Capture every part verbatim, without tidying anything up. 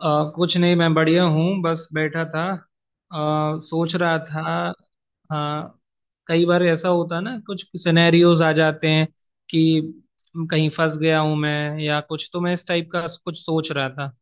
अ, कुछ नहीं। मैं बढ़िया हूँ, बस बैठा था। अ, सोच रहा था। हाँ। कई बार ऐसा होता है ना, कुछ सिनेरियोज आ जाते हैं कि कहीं फंस गया हूँ मैं या कुछ, तो मैं इस टाइप का कुछ सोच रहा था।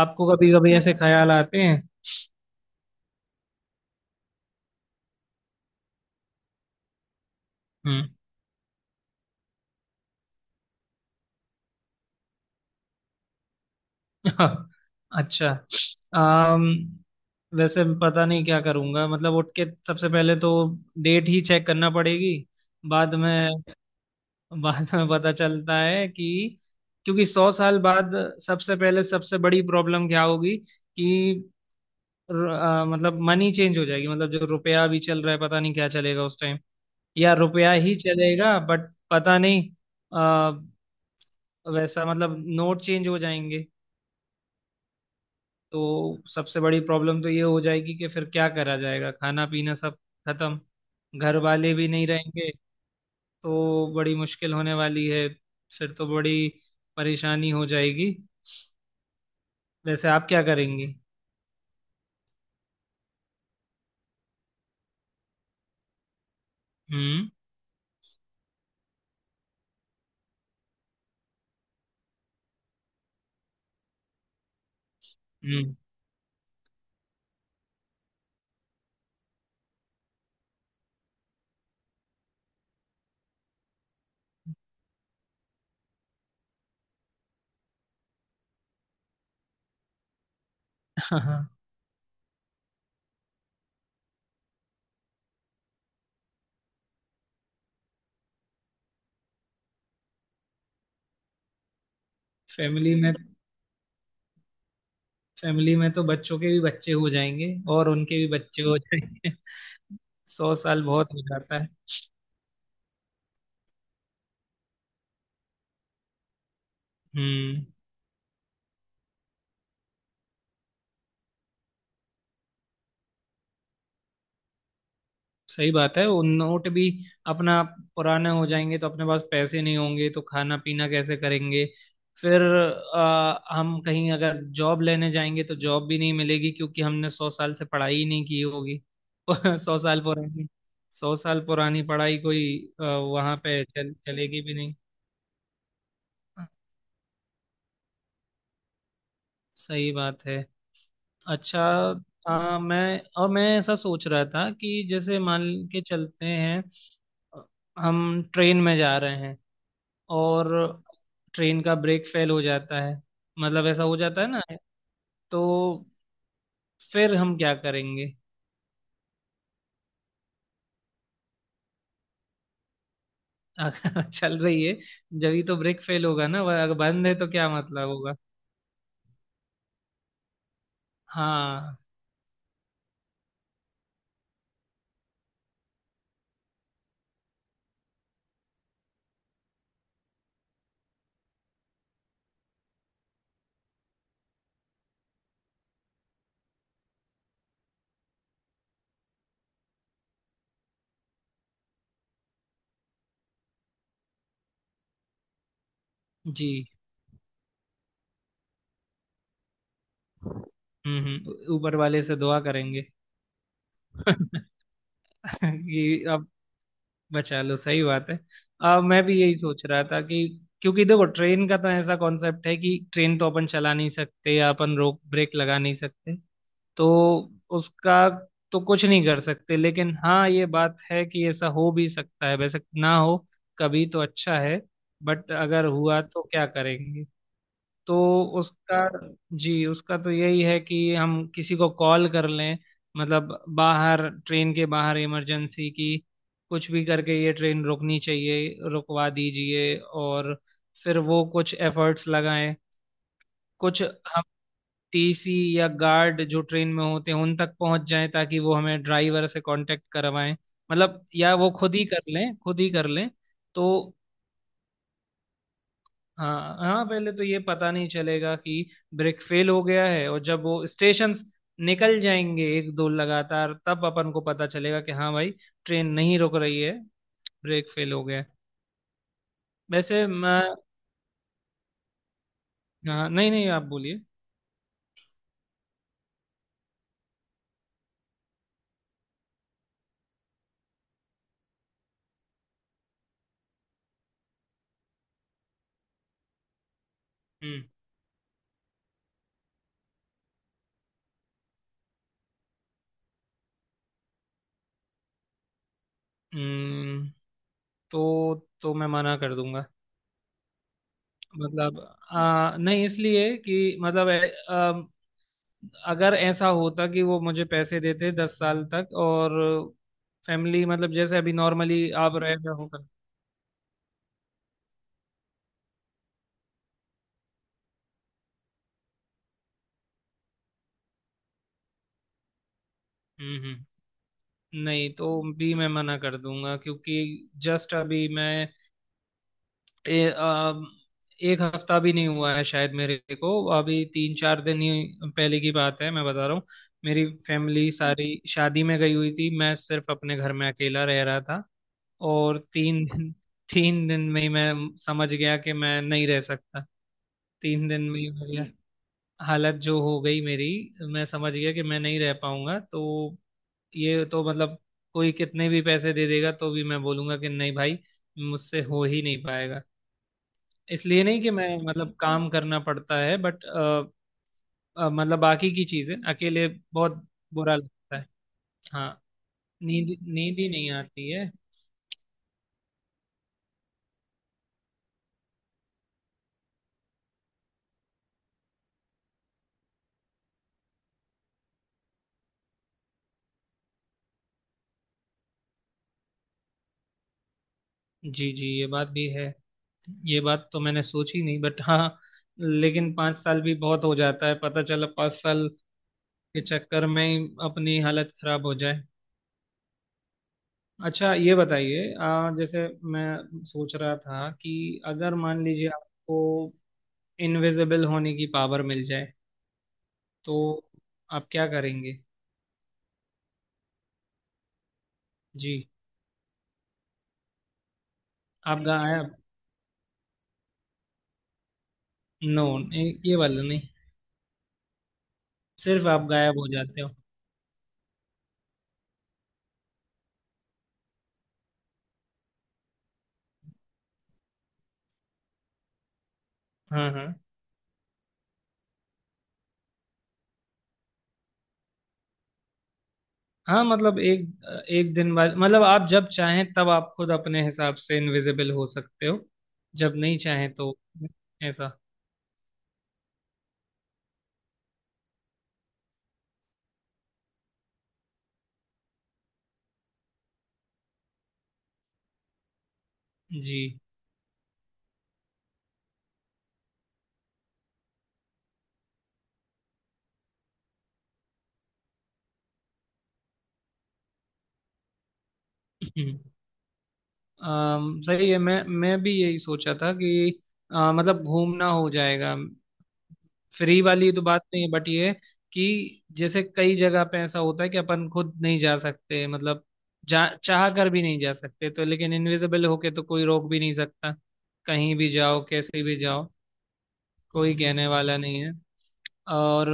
आपको कभी कभी ऐसे ख्याल आते हैं? हम्म। अच्छा। अम, वैसे पता नहीं क्या करूँगा। मतलब उठ के सबसे पहले तो डेट ही चेक करना पड़ेगी। बाद में बाद में पता चलता है कि क्योंकि सौ साल बाद सबसे पहले सबसे बड़ी प्रॉब्लम क्या होगी कि र- अ, मतलब मनी चेंज हो जाएगी। मतलब जो रुपया भी चल रहा है पता नहीं क्या चलेगा उस टाइम, या रुपया ही चलेगा बट पता नहीं। आ, वैसा मतलब नोट चेंज हो जाएंगे। तो सबसे बड़ी प्रॉब्लम तो ये हो जाएगी कि फिर क्या करा जाएगा, खाना पीना सब खत्म, घर वाले भी नहीं रहेंगे। तो बड़ी मुश्किल होने वाली है। फिर तो बड़ी परेशानी हो जाएगी। वैसे आप क्या करेंगी? हम्म, हम्म। हाँ। फैमिली में फैमिली में तो बच्चों के भी बच्चे हो जाएंगे और उनके भी बच्चे हो जाएंगे। सौ साल बहुत हो जाता है। हम्म। सही बात है, वो नोट भी अपना पुराने हो जाएंगे तो अपने पास पैसे नहीं होंगे, तो खाना पीना कैसे करेंगे। फिर आ, हम कहीं अगर जॉब लेने जाएंगे तो जॉब भी नहीं मिलेगी, क्योंकि हमने सौ साल से पढ़ाई ही नहीं की होगी। सौ साल पुरानी सौ साल पुरानी पढ़ाई कोई आ, वहां पे चल, चलेगी भी नहीं। सही बात है। अच्छा। आ, मैं और मैं ऐसा सोच रहा था कि जैसे मान के चलते हैं हम ट्रेन में जा रहे हैं और ट्रेन का ब्रेक फेल हो जाता है। मतलब ऐसा हो जाता है ना। तो फिर हम क्या करेंगे? अगर चल रही है। जब तो ब्रेक फेल होगा ना, वह अगर बंद है तो क्या मतलब होगा। हाँ। जी। हम्म, हम्म। ऊपर वाले से दुआ करेंगे। कि बचा लो, सही बात है। आ, मैं भी यही सोच रहा था कि क्योंकि देखो ट्रेन का तो ऐसा कॉन्सेप्ट है कि ट्रेन तो अपन चला नहीं सकते या अपन रोक ब्रेक लगा नहीं सकते। तो उसका तो कुछ नहीं कर सकते, लेकिन हाँ ये बात है कि ऐसा हो भी सकता है। वैसे ना हो कभी तो अच्छा है, बट अगर हुआ तो क्या करेंगे। तो उसका जी, उसका तो यही है कि हम किसी को कॉल कर लें, मतलब बाहर, ट्रेन के बाहर, इमरजेंसी की कुछ भी करके ये ट्रेन रुकनी चाहिए, रुकवा दीजिए। और फिर वो कुछ एफर्ट्स लगाएं। कुछ हम टीसी या गार्ड जो ट्रेन में होते हैं उन तक पहुंच जाएं ताकि वो हमें ड्राइवर से कांटेक्ट करवाएं, मतलब या वो खुद ही कर लें, खुद ही कर लें। तो हाँ, हाँ, पहले तो ये पता नहीं चलेगा कि ब्रेक फेल हो गया है, और जब वो स्टेशंस निकल जाएंगे एक दो लगातार, तब अपन को पता चलेगा कि हाँ भाई, ट्रेन नहीं रुक रही है, ब्रेक फेल हो गया है। वैसे मैं हाँ, नहीं, नहीं, आप बोलिए। हम्म, हम्म। तो तो मैं मना कर दूंगा। मतलब आ, नहीं, इसलिए कि मतलब ए- अम, अगर ऐसा होता कि वो मुझे पैसे देते दस साल तक, और फैमिली मतलब जैसे अभी नॉर्मली आप रह रहे हो। हम्म, हम्म। नहीं तो भी मैं मना कर दूंगा, क्योंकि जस्ट अभी मैं ए, आ, एक हफ्ता भी नहीं हुआ है शायद मेरे को। अभी तीन चार दिन ही पहले की बात है, मैं बता रहा हूँ। मेरी फैमिली सारी शादी में गई हुई थी, मैं सिर्फ अपने घर में अकेला रह रहा था। और तीन दिन तीन दिन में ही मैं समझ गया कि मैं नहीं रह सकता। तीन दिन में ही मेरी हालत जो हो गई मेरी, मैं समझ गया कि मैं नहीं रह पाऊंगा। तो ये तो मतलब कोई कितने भी पैसे दे देगा तो भी मैं बोलूंगा कि नहीं भाई, मुझसे हो ही नहीं पाएगा। इसलिए नहीं कि मैं मतलब काम करना पड़ता है, बट मतलब बाकी की चीजें अकेले बहुत बुरा लगता है। हाँ। नींद नींद ही नहीं आती है। जी, जी, ये बात भी है, ये बात तो मैंने सोची नहीं, बट हाँ। लेकिन पाँच साल भी बहुत हो जाता है, पता चला पाँच साल के चक्कर में ही अपनी हालत खराब हो जाए। अच्छा, ये बताइए, आ, जैसे मैं सोच रहा था कि अगर मान लीजिए आपको इनविजिबल होने की पावर मिल जाए, तो आप क्या करेंगे? जी। आप गायब। नो, ये वाला नहीं, सिर्फ आप गायब हो जाते हो। हाँ, हाँ, हाँ, मतलब एक एक दिन बाद, मतलब आप जब चाहें तब आप खुद अपने हिसाब से इनविजिबल हो सकते हो, जब नहीं चाहें तो ऐसा। जी। अम, सही है, मैं मैं भी यही सोचा था कि अ, मतलब घूमना हो जाएगा। फ्री वाली तो बात नहीं है, बट ये है कि जैसे कई जगह पे ऐसा होता है कि अपन खुद नहीं जा सकते, मतलब जा चाह कर भी नहीं जा सकते तो। लेकिन इनविजिबल होके तो कोई रोक भी नहीं सकता, कहीं भी जाओ, कैसे भी जाओ, कोई कहने वाला नहीं है। और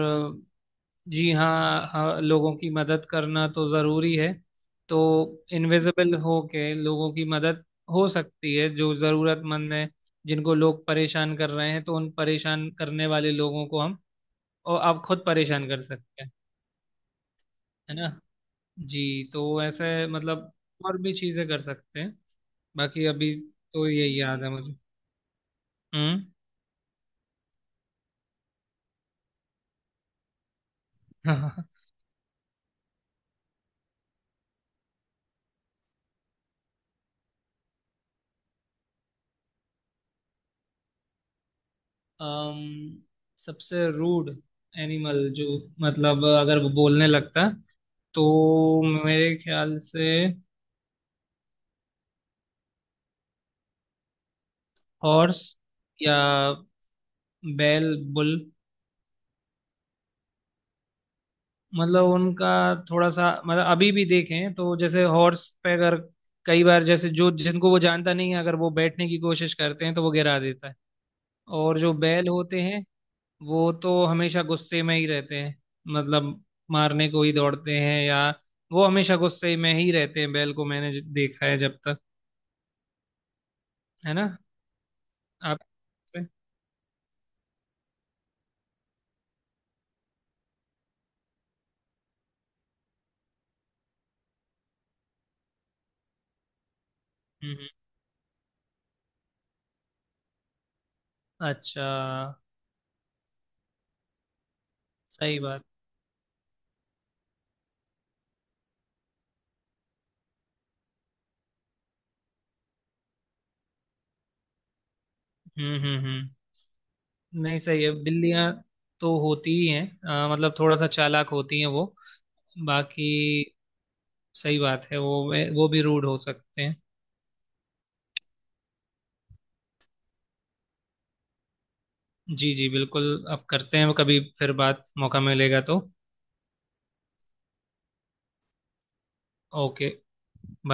जी, हाँ, हाँ, लोगों की मदद करना तो ज़रूरी है। तो इनविजिबल हो के लोगों की मदद हो सकती है, जो ज़रूरतमंद है, जिनको लोग परेशान कर रहे हैं, तो उन परेशान करने वाले लोगों को हम और आप खुद परेशान कर सकते हैं, है ना। जी, तो ऐसे मतलब और भी चीज़ें कर सकते हैं। बाकी अभी तो यही याद है मुझे। हम्म। अम, सबसे रूड एनिमल जो, मतलब अगर वो बोलने लगता, तो मेरे ख्याल से हॉर्स, या बैल, बुल। मतलब उनका थोड़ा सा, मतलब अभी भी देखें तो जैसे हॉर्स पे अगर कई बार, जैसे जो जिनको वो जानता नहीं है अगर वो बैठने की कोशिश करते हैं तो वो गिरा देता है। और जो बैल होते हैं वो तो हमेशा गुस्से में ही रहते हैं, मतलब मारने को ही दौड़ते हैं, या वो हमेशा गुस्से में ही रहते हैं। बैल को मैंने ज- देखा है जब तक, है ना। आप। हम्म, हम्म। अच्छा, सही बात। हम्म, हम्म, हम्म। नहीं, सही है, बिल्लियां तो होती ही हैं, अ, मतलब थोड़ा सा चालाक होती हैं वो। बाकी सही बात है, वो वो भी रूड हो सकते हैं। जी, जी, बिल्कुल। अब करते हैं कभी फिर बात, मौका मिलेगा तो। ओके।